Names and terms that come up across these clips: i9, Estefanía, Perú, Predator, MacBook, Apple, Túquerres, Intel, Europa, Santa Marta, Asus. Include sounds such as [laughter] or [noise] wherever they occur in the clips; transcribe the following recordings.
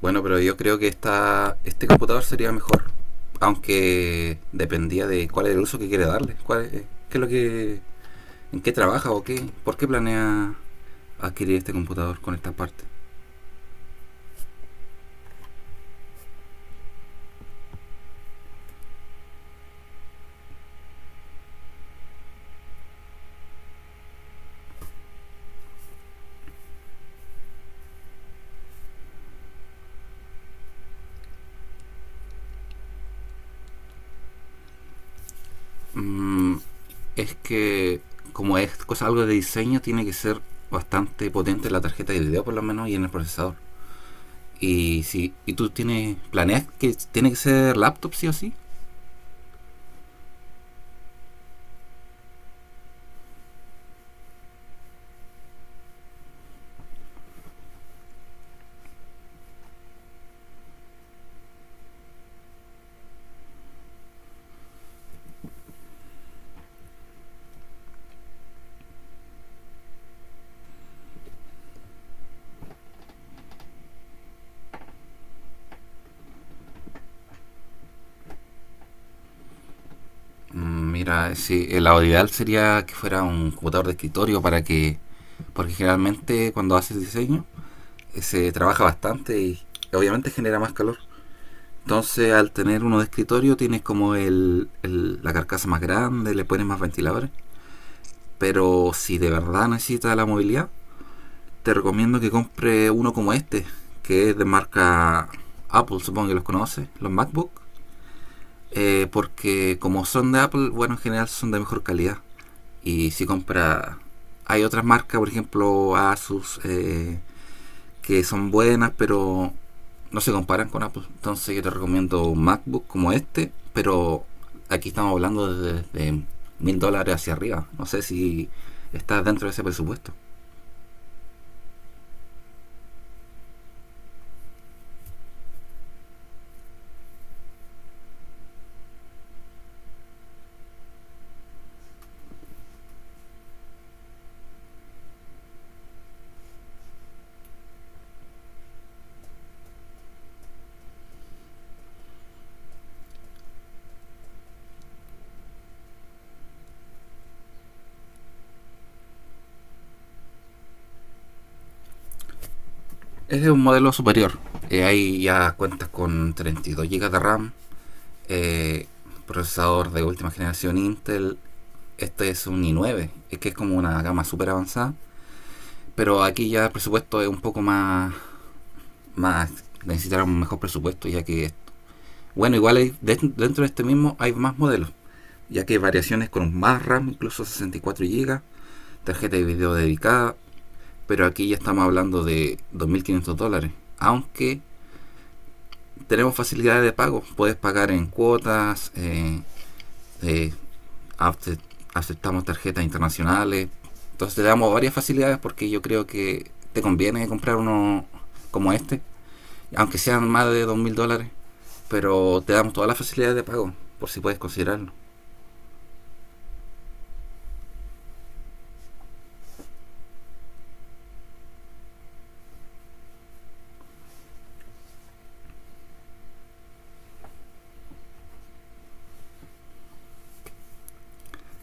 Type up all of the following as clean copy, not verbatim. Bueno, pero yo creo que este computador sería mejor. Aunque dependía de cuál es el uso que quiere darle. ¿Qué es lo que? ¿En qué trabaja o qué? ¿Por qué planea adquirir este computador con esta parte? Mm, es que, como es cosa algo de diseño, tiene que ser bastante potente la tarjeta de video, por lo menos, y en el procesador. Y si y tú tienes. ¿Planeas que tiene que ser laptop, sí o sí? Mira, sí, la ideal sería que fuera un computador de escritorio para que, porque generalmente cuando haces diseño se trabaja bastante y obviamente genera más calor. Entonces, al tener uno de escritorio tienes como la carcasa más grande, le pones más ventiladores. Pero si de verdad necesitas la movilidad, te recomiendo que compre uno como este, que es de marca Apple, supongo que los conoces, los MacBook. Porque como son de Apple, bueno, en general son de mejor calidad. Y si compra... Hay otras marcas, por ejemplo, Asus, que son buenas, pero no se comparan con Apple. Entonces yo te recomiendo un MacBook como este, pero aquí estamos hablando de $1000 hacia arriba. No sé si está dentro de ese presupuesto. Es un modelo superior. Ahí ya cuentas con 32 gigas de RAM, eh, procesador de última generación Intel. Este es un i9, es que es como una gama super avanzada. Pero aquí ya el presupuesto es un poco más. Más necesitarán un mejor presupuesto, ya que. Bueno, igual hay, dentro de este mismo hay más modelos, ya que hay variaciones con más RAM, incluso 64 gigas, tarjeta de video dedicada, pero aquí ya estamos hablando de $2500. Aunque tenemos facilidades de pago, puedes pagar en cuotas, eh, aceptamos tarjetas internacionales, entonces te damos varias facilidades porque yo creo que te conviene comprar uno como este aunque sean más de $2000, pero te damos todas las facilidades de pago, por si puedes considerarlo.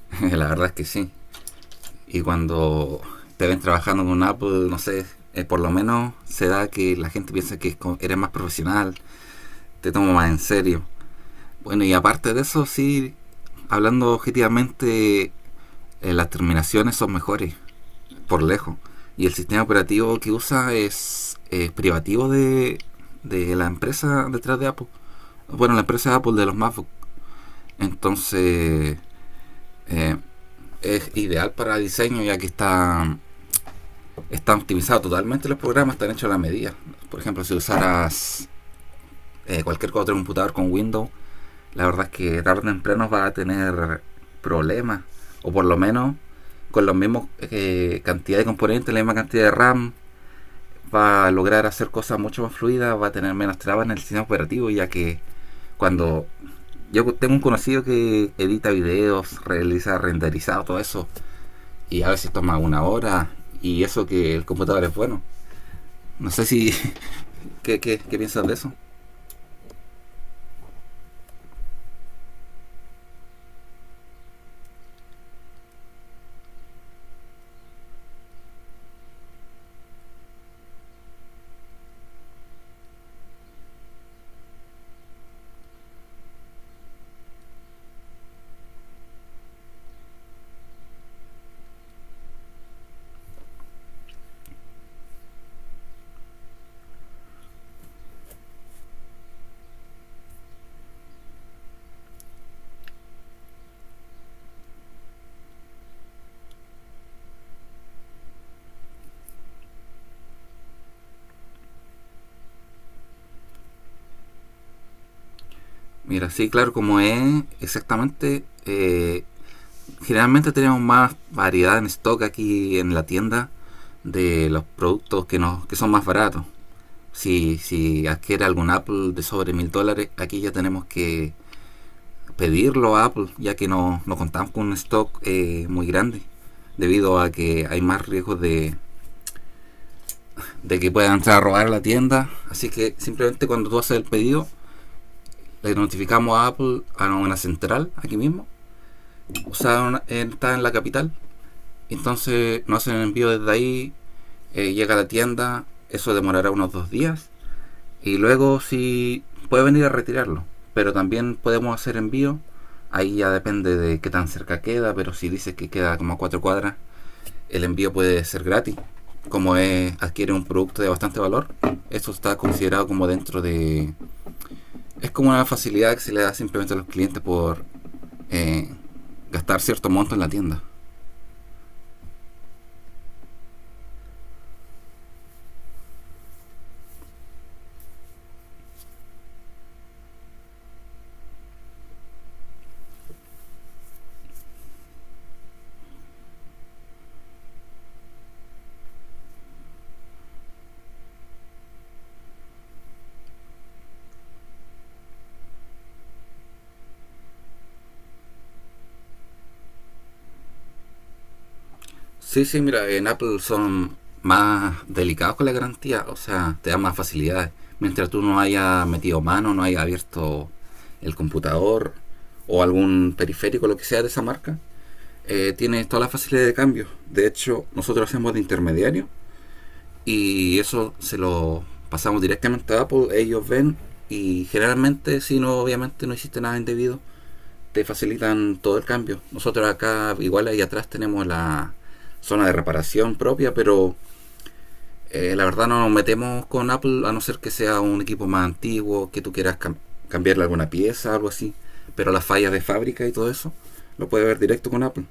[laughs] La verdad es que sí. Y cuando te ven trabajando con Apple, no sé, por lo menos se da que la gente piensa que eres más profesional, te toma más en serio. Bueno, y aparte de eso, sí, hablando objetivamente, las terminaciones son mejores, por lejos. Y el sistema operativo que usa es privativo de la empresa detrás de Apple. Bueno, la empresa de Apple de los MacBook. Entonces eh, es ideal para diseño ya que está optimizado totalmente los programas, están hechos a la medida. Por ejemplo, si usaras cualquier otro computador con Windows, la verdad es que tarde o temprano va a tener problemas. O por lo menos con la misma cantidad de componentes, la misma cantidad de RAM, va a lograr hacer cosas mucho más fluidas, va a tener menos trabas en el sistema operativo. Ya que cuando yo tengo un conocido que edita videos, realiza renderizado, todo eso. Y a veces toma una hora. Y eso que el computador es bueno. No sé si... [laughs] ¿Qué piensas de eso? Mira, sí, claro, como es exactamente... generalmente tenemos más variedad en stock aquí en la tienda de los productos que son más baratos. Si adquiere algún Apple de sobre $1000, aquí ya tenemos que pedirlo a Apple, ya que no contamos con un stock muy grande, debido a que hay más riesgos de que puedan entrar a robar la tienda. Así que simplemente cuando tú haces el pedido, le notificamos a Apple a una central aquí mismo. O sea, está en la capital. Entonces nos hacen el envío desde ahí, llega a la tienda, eso demorará unos 2 días. Y luego si puede venir a retirarlo, pero también podemos hacer envío. Ahí ya depende de qué tan cerca queda, pero si dice que queda como a 4 cuadras, el envío puede ser gratis. Como es, adquiere un producto de bastante valor, esto está considerado como dentro de... Es como una facilidad que se le da simplemente a los clientes por eh, gastar cierto monto en la tienda. Sí, sí, mira, en Apple son más delicados con la garantía, o sea, te dan más facilidades. Mientras tú no hayas metido mano, no hayas abierto el computador o algún periférico, lo que sea de esa marca, tienes toda la facilidad de cambio. De hecho, nosotros hacemos de intermediario y eso se lo pasamos directamente a Apple, ellos ven y generalmente si no, obviamente no hiciste nada indebido, te facilitan todo el cambio. Nosotros acá, igual ahí atrás, tenemos la zona de reparación propia, pero la verdad no nos metemos con Apple a no ser que sea un equipo más antiguo, que tú quieras cambiarle alguna pieza, algo así. Pero las fallas de fábrica y todo eso, lo puedes ver directo con Apple.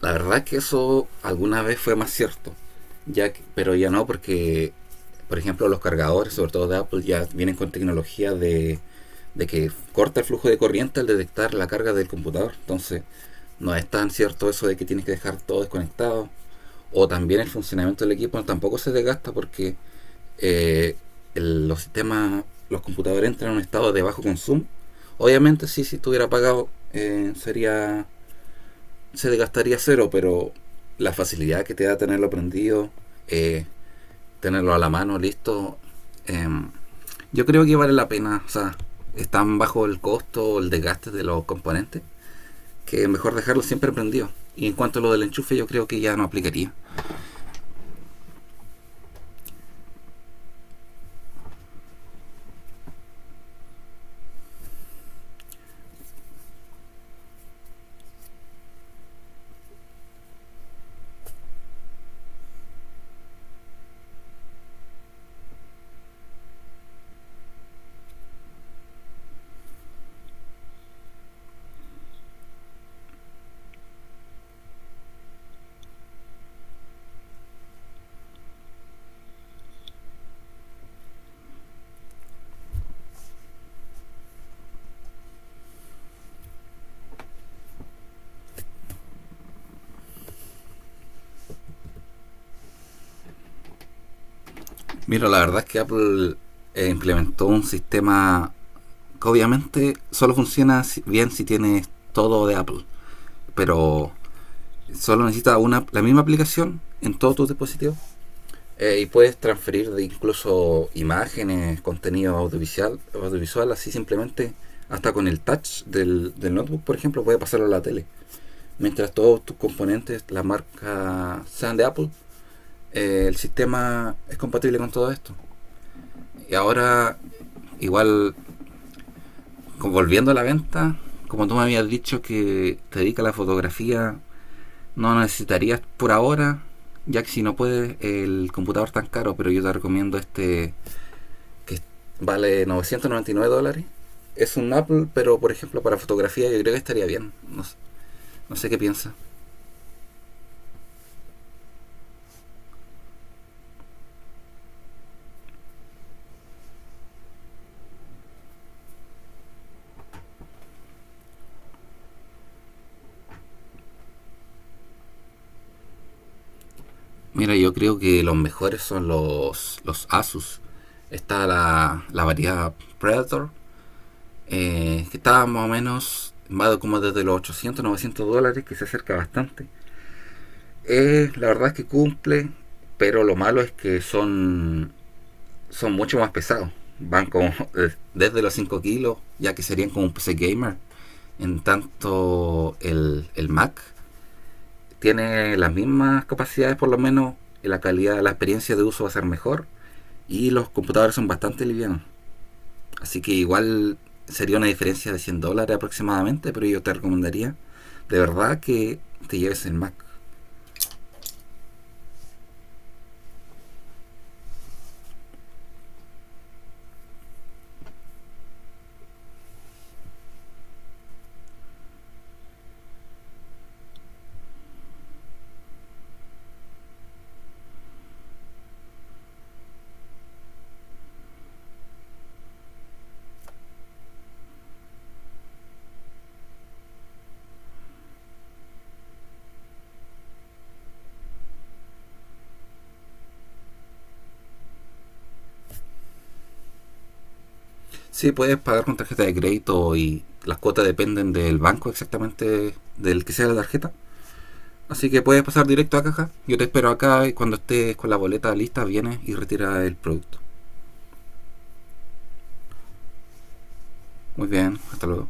La verdad es que eso alguna vez fue más cierto, pero ya no porque, por ejemplo, los cargadores, sobre todo de Apple, ya vienen con tecnología de que corta el flujo de corriente al detectar la carga del computador. Entonces, no es tan cierto eso de que tienes que dejar todo desconectado. O también el funcionamiento del equipo tampoco se desgasta porque eh, los sistemas, los computadores entran en un estado de bajo consumo. Obviamente, sí, si estuviera apagado, sería se desgastaría cero, pero la facilidad que te da tenerlo aprendido, eh, tenerlo a la mano, listo, eh, yo creo que vale la pena. O sea, es tan bajo el costo el desgaste de los componentes que es mejor dejarlo siempre prendido. Y en cuanto a lo del enchufe, yo creo que ya no aplicaría. Mira, la verdad es que Apple implementó un sistema que obviamente solo funciona bien si tienes todo de Apple, pero solo necesitas una, la misma aplicación en todos tus dispositivos. Y puedes transferir de incluso imágenes, contenido audiovisual, así simplemente, hasta con el touch del notebook, por ejemplo, puedes pasarlo a la tele. Mientras todos tus componentes, la marca sean de Apple, el sistema es compatible con todo esto. Y ahora, igual, volviendo a la venta, como tú me habías dicho que te dedicas a la fotografía, no necesitarías por ahora, ya que si no puedes, el computador tan caro, pero yo te recomiendo este que vale $999. Es un Apple, pero por ejemplo para fotografía yo creo que estaría bien. No, no sé qué piensa. Mira, yo creo que los mejores son los Asus. Está la variedad Predator, que está más o menos, va como desde los 800 900 dólares, que se acerca bastante. La verdad es que cumple, pero lo malo es que son mucho más pesados. Van como [laughs] desde los 5 kilos, ya que serían como un PC gamer. En tanto, el Mac tiene las mismas capacidades, por lo menos la calidad, la experiencia de uso va a ser mejor y los computadores son bastante livianos. Así que igual sería una diferencia de $100 aproximadamente, pero yo te recomendaría de verdad que te lleves el Mac. Sí, puedes pagar con tarjeta de crédito y las cuotas dependen del banco exactamente del que sea la tarjeta. Así que puedes pasar directo a caja. Yo te espero acá y cuando estés con la boleta lista vienes y retira el producto. Muy bien, hasta luego.